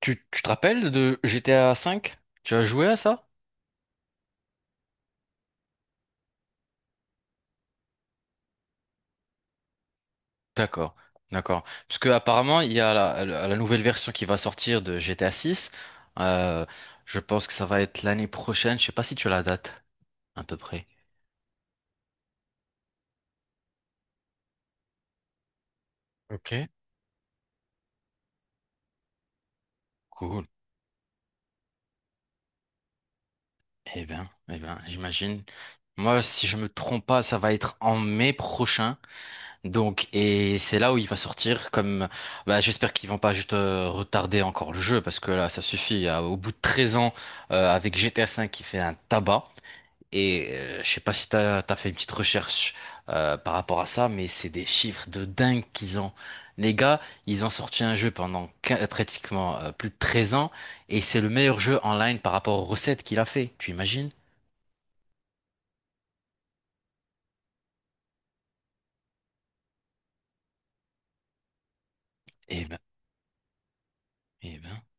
Tu te rappelles de GTA V? Tu as joué à ça? D'accord, d'accord. Parce que apparemment, il y a la nouvelle version qui va sortir de GTA 6. Euh, je pense que ça va être l'année prochaine. Je sais pas si tu as la date, à peu près. Ok, cool. Eh bien, j'imagine. Moi, si je me trompe pas, ça va être en mai prochain. Donc, et c'est là où il va sortir comme, bah, j'espère qu'ils vont pas juste retarder encore le jeu parce que là, ça suffit. Au bout de 13 ans, avec GTA V qui fait un tabac. Et je sais pas si t'as fait une petite recherche par rapport à ça, mais c'est des chiffres de dingue qu'ils ont. Les gars, ils ont sorti un jeu pendant pratiquement plus de 13 ans et c'est le meilleur jeu en ligne par rapport aux recettes qu'il a fait. Tu imagines? Eh ben, eh ben.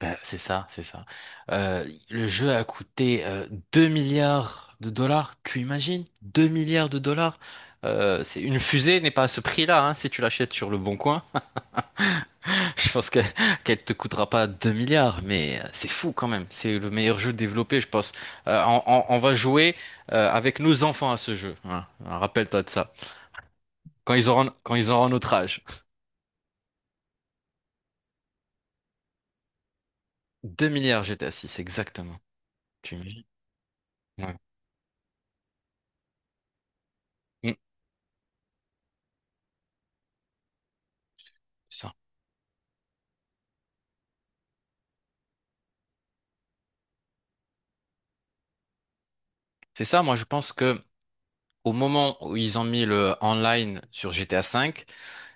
Bah, c'est ça, c'est ça. Euh, le jeu a coûté 2 milliards de dollars, tu imagines? 2 milliards de dollars? C'est une fusée n'est pas à ce prix-là, hein, si tu l'achètes sur le bon coin. Je pense que qu'elle te coûtera pas 2 milliards, mais c'est fou quand même. C'est le meilleur jeu développé, je pense. On va jouer avec nos enfants à ce jeu. Hein. Rappelle-toi de ça. Quand ils auront notre âge. 2 milliards GTA 6, exactement. Tu imagines? Ouais. Mm, c'est ça. C'est ça, moi je pense que au moment où ils ont mis le online sur GTA V,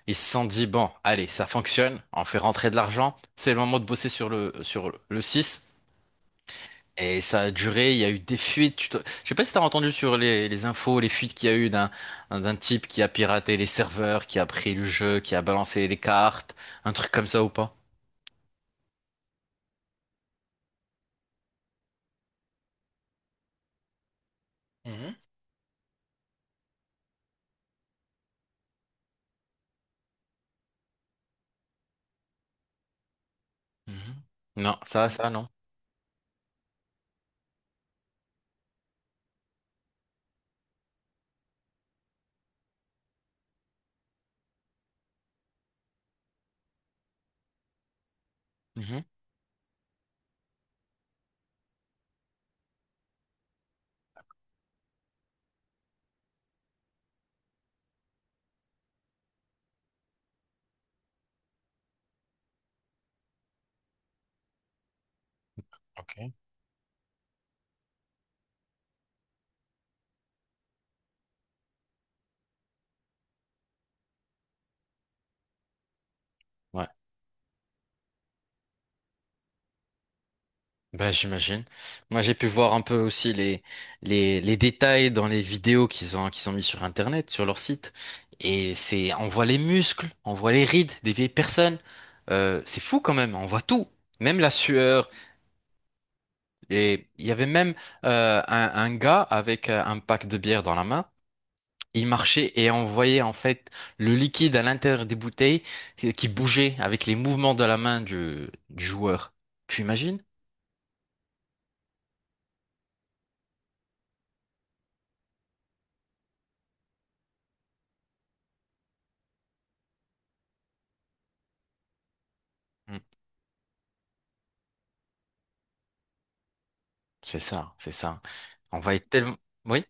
ils se sont dit, bon, allez, ça fonctionne, on fait rentrer de l'argent, c'est le moment de bosser sur le 6. Et ça a duré, il y a eu des fuites. Je sais pas si t'as entendu sur les infos, les fuites qu'il y a eu d'un type qui a piraté les serveurs, qui a pris le jeu, qui a balancé les cartes, un truc comme ça ou pas? Mhm. Mhm. Non, ça, non. Mhm. Ok. Ouais. Bah, j'imagine. Moi, j'ai pu voir un peu aussi les détails dans les vidéos qu'ils ont mis sur Internet, sur leur site. Et c'est, on voit les muscles, on voit les rides des vieilles personnes. C'est fou quand même, on voit tout. Même la sueur. Et il y avait même un gars avec un pack de bière dans la main. Il marchait et on voyait en fait le liquide à l'intérieur des bouteilles qui bougeait avec les mouvements de la main du joueur. Tu imagines? Mm. C'est ça, c'est ça. On va être tellement... Oui?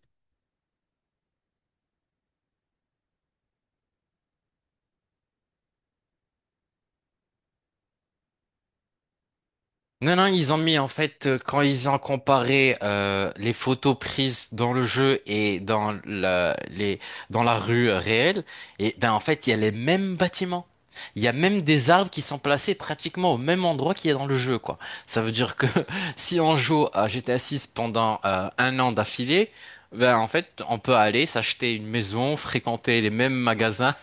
Non, non, ils ont mis en fait, quand ils ont comparé les photos prises dans le jeu et dans la rue réelle, et ben en fait, il y a les mêmes bâtiments. Il y a même des arbres qui sont placés pratiquement au même endroit qu'il y a dans le jeu, quoi. Ça veut dire que si on joue à GTA 6 pendant un an d'affilée, ben en fait, on peut aller s'acheter une maison, fréquenter les mêmes magasins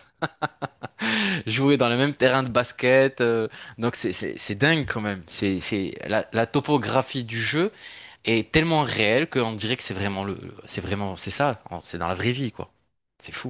jouer dans le même terrain de basket. Donc c'est dingue quand même. C'est la topographie du jeu est tellement réelle qu'on dirait que c'est vraiment c'est vraiment c'est ça. C'est dans la vraie vie quoi. C'est fou.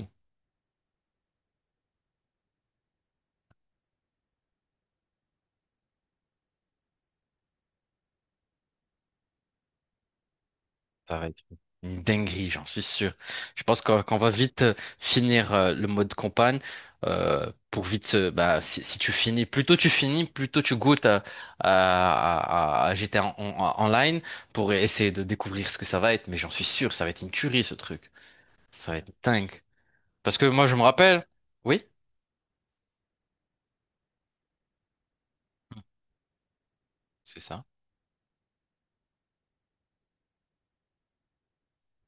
Ça va être une dinguerie, j'en suis sûr. Je pense qu'on va vite finir le mode campagne pour vite. Bah, si tu finis, plus tôt tu finis, plus tôt tu goûtes à GTA online pour essayer de découvrir ce que ça va être. Mais j'en suis sûr, ça va être une tuerie ce truc. Ça va être dingue. Parce que moi, je me rappelle. Oui, c'est ça.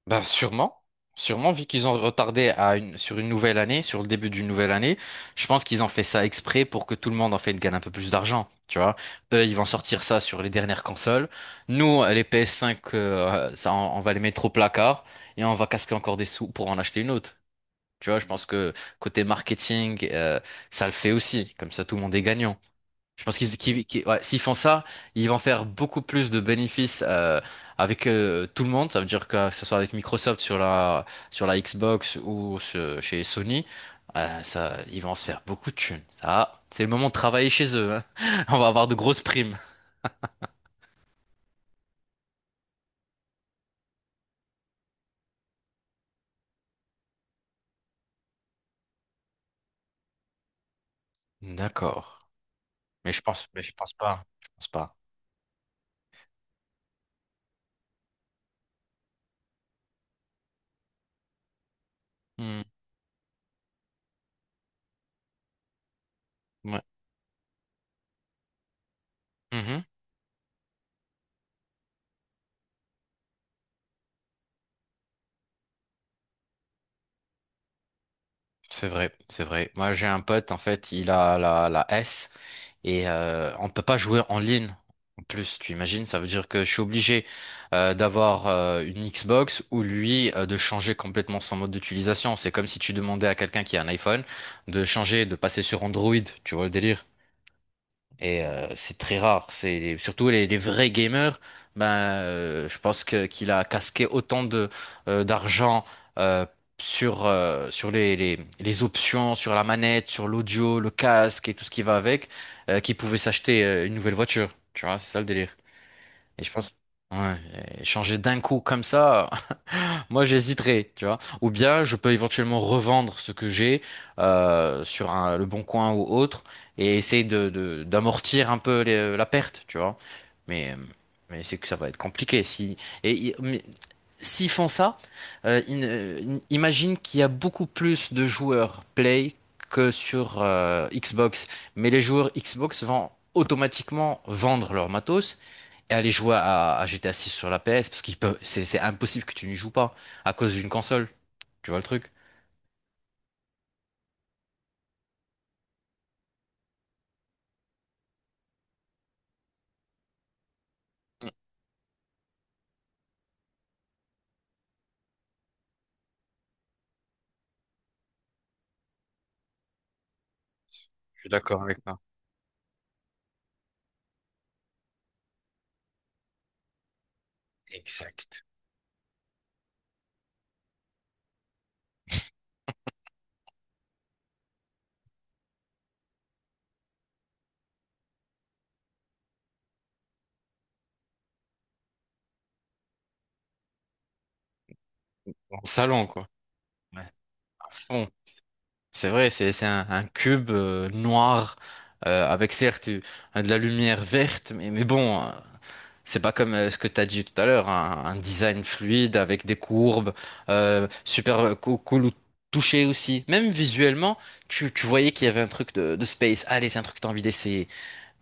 Ben, sûrement. Sûrement, vu qu'ils ont retardé sur une nouvelle année, sur le début d'une nouvelle année, je pense qu'ils ont fait ça exprès pour que tout le monde, en fait, gagne un peu plus d'argent. Tu vois? Eux, ils vont sortir ça sur les dernières consoles. Nous, les PS5, ça, on va les mettre au placard et on va casquer encore des sous pour en acheter une autre. Tu vois? Je pense que côté marketing, ça le fait aussi. Comme ça, tout le monde est gagnant. Je pense ouais, s'ils font ça, ils vont faire beaucoup plus de bénéfices avec tout le monde. Ça veut dire que ce soit avec Microsoft sur la Xbox ou chez Sony, ça, ils vont se faire beaucoup de thunes. Ça, c'est le moment de travailler chez eux. Hein. On va avoir de grosses primes. D'accord. Mais je pense pas. Je pense pas. Hmm, ouais. Mhm. C'est vrai, c'est vrai. Moi, j'ai un pote, en fait, il a la S. Et on ne peut pas jouer en ligne. En plus, tu imagines, ça veut dire que je suis obligé d'avoir une Xbox ou lui de changer complètement son mode d'utilisation. C'est comme si tu demandais à quelqu'un qui a un iPhone de changer, de passer sur Android. Tu vois le délire? Et c'est très rare. C'est surtout les vrais gamers. Ben, je pense que qu'il a casqué autant de d'argent euh, sur les options, sur la manette, sur l'audio, le casque et tout ce qui va avec, qu'il pouvait s'acheter une nouvelle voiture. Tu vois, c'est ça le délire. Et je pense, ouais, et changer d'un coup comme ça. Moi, j'hésiterais, tu vois. Ou bien, je peux éventuellement revendre ce que j'ai sur le Bon Coin ou autre et essayer d'amortir un peu la perte, tu vois. Mais, euh, mais c'est que ça va être compliqué. Si, et, i- mais S'ils font ça, imagine qu'il y a beaucoup plus de joueurs Play que sur Xbox. Mais les joueurs Xbox vont automatiquement vendre leur matos et aller jouer à GTA 6 sur la PS parce qu'il peut, c'est impossible que tu n'y joues pas à cause d'une console. Tu vois le truc? Mm, Je suis d'accord avec toi. Exact. Au salon, quoi. Ouais, à fond. C'est vrai, c'est un cube noir avec certes de la lumière verte, mais bon, c'est pas comme ce que t'as dit tout à l'heure, un design fluide avec des courbes, super cool, au toucher aussi. Même visuellement, tu voyais qu'il y avait un truc de space. Allez, c'est un truc que t'as envie d'essayer.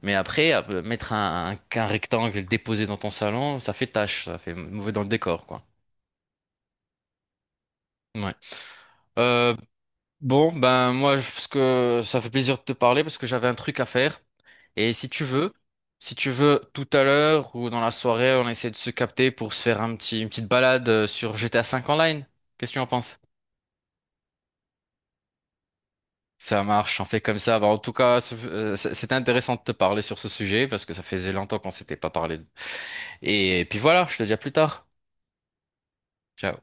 Mais après, mettre un rectangle et le déposer dans ton salon, ça fait tâche, ça fait mauvais dans le décor, quoi. Ouais. Euh, bon, ben moi, parce que ça fait plaisir de te parler parce que j'avais un truc à faire. Et si tu veux, tout à l'heure ou dans la soirée, on essaie de se capter pour se faire une petite balade sur GTA V Online. Qu'est-ce que tu en penses? Ça marche, on fait comme ça. Bah, en tout cas, c'était intéressant de te parler sur ce sujet parce que ça faisait longtemps qu'on s'était pas parlé. Et puis voilà, je te dis à plus tard. Ciao.